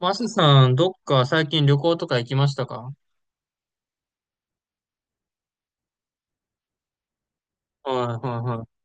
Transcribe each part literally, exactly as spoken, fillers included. マスさん、どっか最近旅行とか行きましたか？はいはいはい。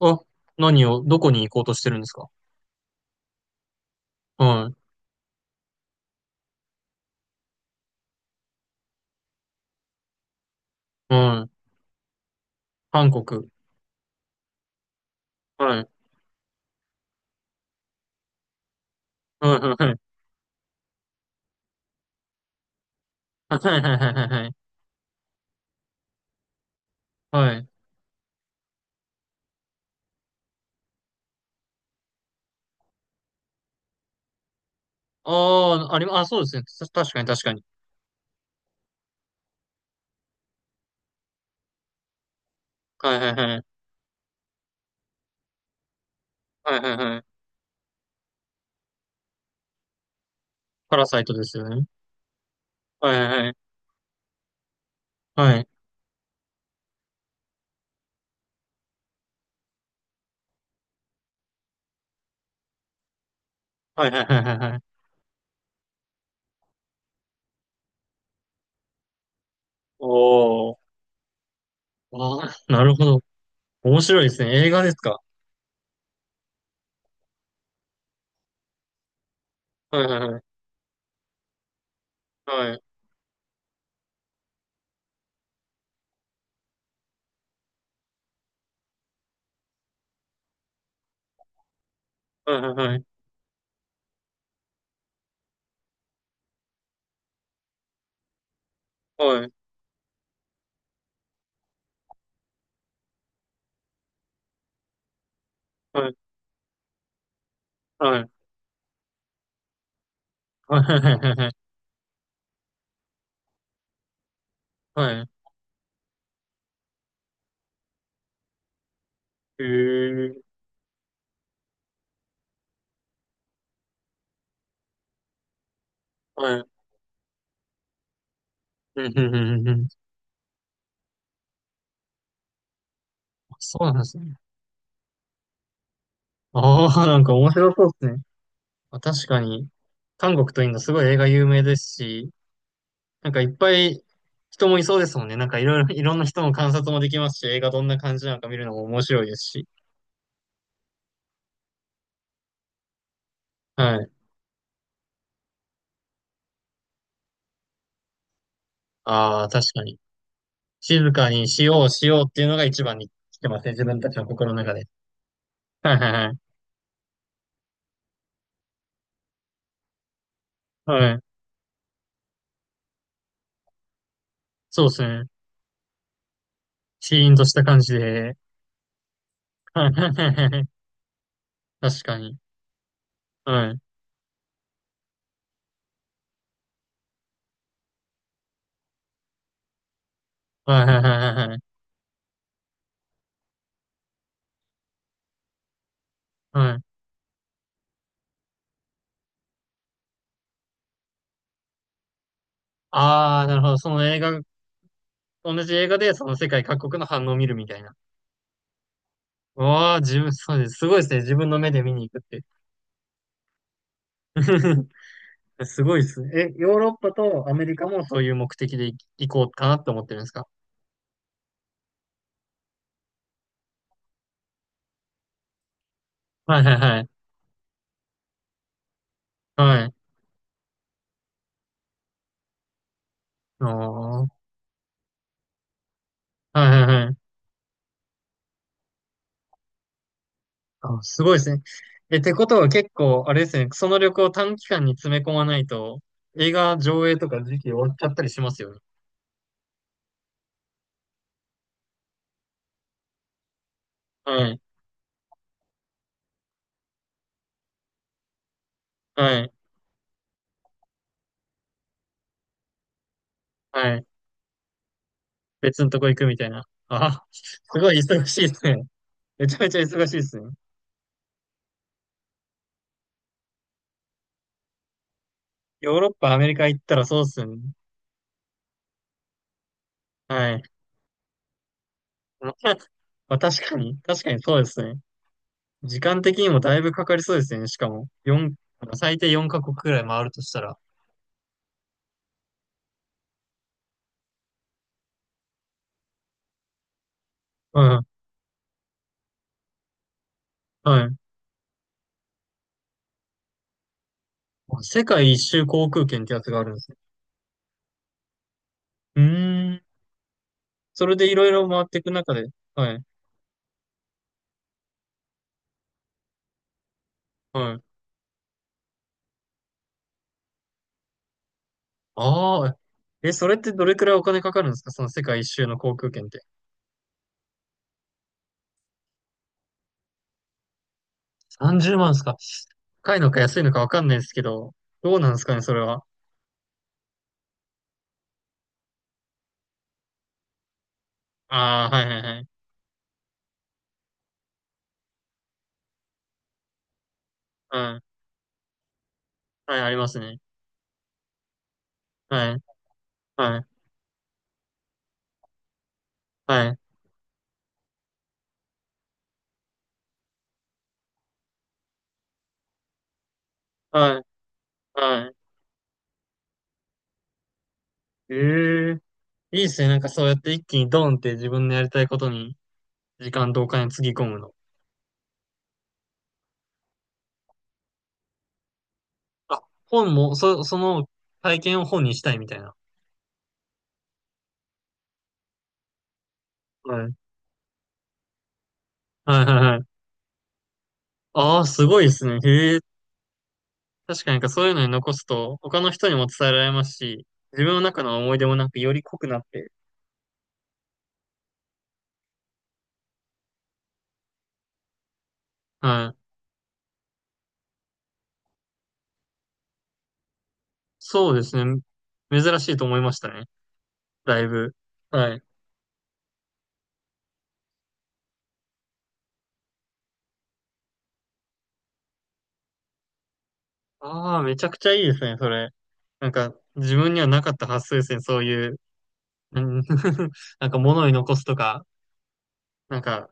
あ、何を、どこに行こうとしてるんですか？はいはい。韓国。はい。はいはいはい。はいはいはいはい。はい。ああ、ありま、あ、そうですね。た確かに確かに。はいはいはい。はいはいはい。パラサイトですよね。はいはいはい。はい。はいはいはいはいはい。おー。ああ、なるほど。面白いですね。映画ですか？はいはいはい。はい。はいはいはい。はい。はい。はい。はいはいはいはい。はい。へえ。はい。うん、うん、うん、うん。そうなんですね。ああ、なんか面白そうですね。まあ確かに、韓国とインドすごい映画有名ですし、なんかいっぱい人もいそうですもんね。なんかいろいろ、いろんな人の観察もできますし、映画どんな感じなのか見るのも面白いですし。はい。ああ、確かに。静かにしようしようっていうのが一番に来てますね。自分たちの心の中で。はいはいはい。はい。そうですね。シーンとした感じで。はいはいはいはい。確かに。はい。はいはいはいはい。はい。ああ、なるほど。その映画、同じ映画でその世界各国の反応を見るみたいな。わあ、自分、そうです。すごいですね。自分の目で見に行くって。すごいですね。え、ヨーロッパとアメリカもそういう目的で行行こうかなって思ってるんですか？はいはいはい。はい。あー。はいはいはい。あ、すごいですね。え、ってことは結構、あれですね。その旅行を短期間に詰め込まないと、映画上映とか時期終わっちゃったりしますよね。はい。はい。はい。別のとこ行くみたいな。あ、すごい忙しいですね。めちゃめちゃ忙しいですね。ヨーロッパ、アメリカ行ったらそうですよね。はい。まあ、まあ確かに、確かにそうですね。時間的にもだいぶかかりそうですよね。しかも、四最低よんカ国くらい回るとしたら。はい、はい。世界一周航空券ってやつがあるんですね。うーん。それでいろいろ回っていく中で。はい、はい。ああ、え、それってどれくらいお金かかるんですかその世界一周の航空券って。さんじゅうまんですか？高いのか安いのかわかんないですけど、どうなんですかね、それは。ああ、はいはいはい。はい。はい、ありますね。はい、はい、はい、はい、はい。ええ。いいですね。なんかそうやって一気にドンって自分のやりたいことに時間とお金つぎ込むの。あ、本も、そ、その体験を本にしたいみたいな。はい。はいはいはい。ああ、すごいですね。へえ。確かになんかそういうのに残すと他の人にも伝えられますし、自分の中の思い出もなんかより濃くなって。はい。そうですね。珍しいと思いましたね。だいぶ。はい。ああ、めちゃくちゃいいですね、それ。なんか、自分にはなかった発想ですね、そういう。うん。 なんか物に残すとか、なんか、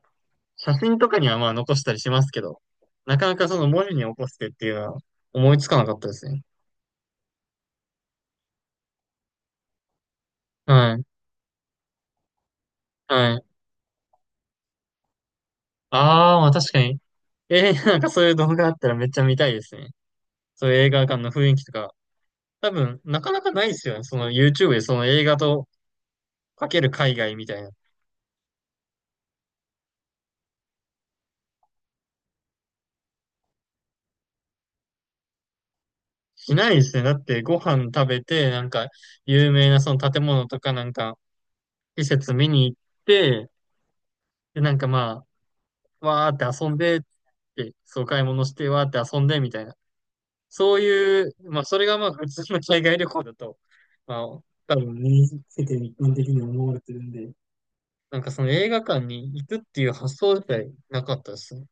写真とかにはまあ残したりしますけど、なかなかその文字に起こしてっていうのは思いつかなかったですね。はい、はい。ああ、まあ確かに。えー、なんかそういう動画あったらめっちゃ見たいですね。そういう映画館の雰囲気とか。多分、なかなかないですよね。その YouTube でその映画とかける海外みたいな。しないですね。だってご飯食べて、なんか有名なその建物とかなんか施設見に行って、で、なんかまあ、わーって遊んでって、そう買い物してわーって遊んでみたいな。そういう、まあそれがまあ普通の海外旅行だと、まあ多分身につけて一般的に思われてるんで、なんかその映画館に行くっていう発想自体なかったですね。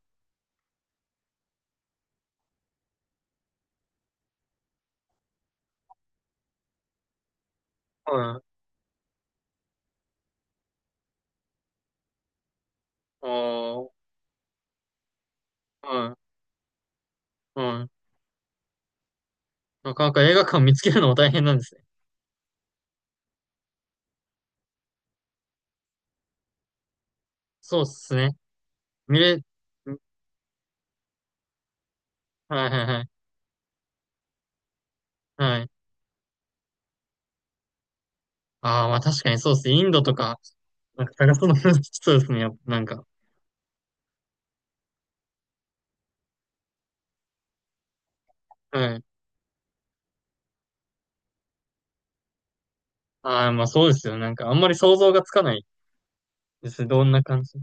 はい。ああ、はい。はい。なかなか映画館見つけるのも大変なんですね。そうっすね。見れ、はいはいはい。はい。ああ、まあ確かにそうですね。インドとか、なんか探すの難し そうですね。やっぱなんか。はい。ああ、まあそうですよ。なんかあんまり想像がつかないですね。どんな感じ。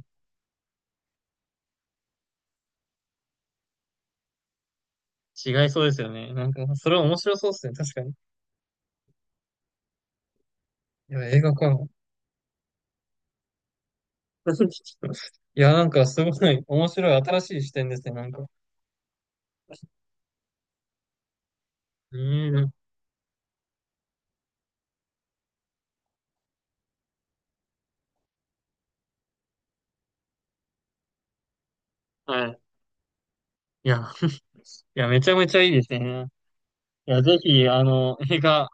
違いそうですよね。なんか、それは面白そうですね。確かに。いや、映画か。いや、なんかすごい面白い新しい視点ですね。なんか。ねえー、はい。いや、いや、めちゃめちゃいいですね。いや、ぜひ、あの、映画、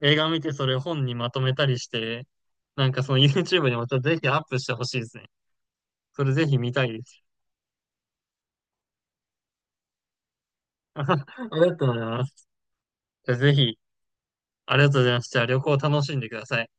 映画見てそれ本にまとめたりして、なんかその YouTube にもちょっとぜひアップしてほしいですね。それぜひ見たいです。ありがとうございます。じゃあぜひ、ありがとうございます。じゃあ旅行楽しんでください。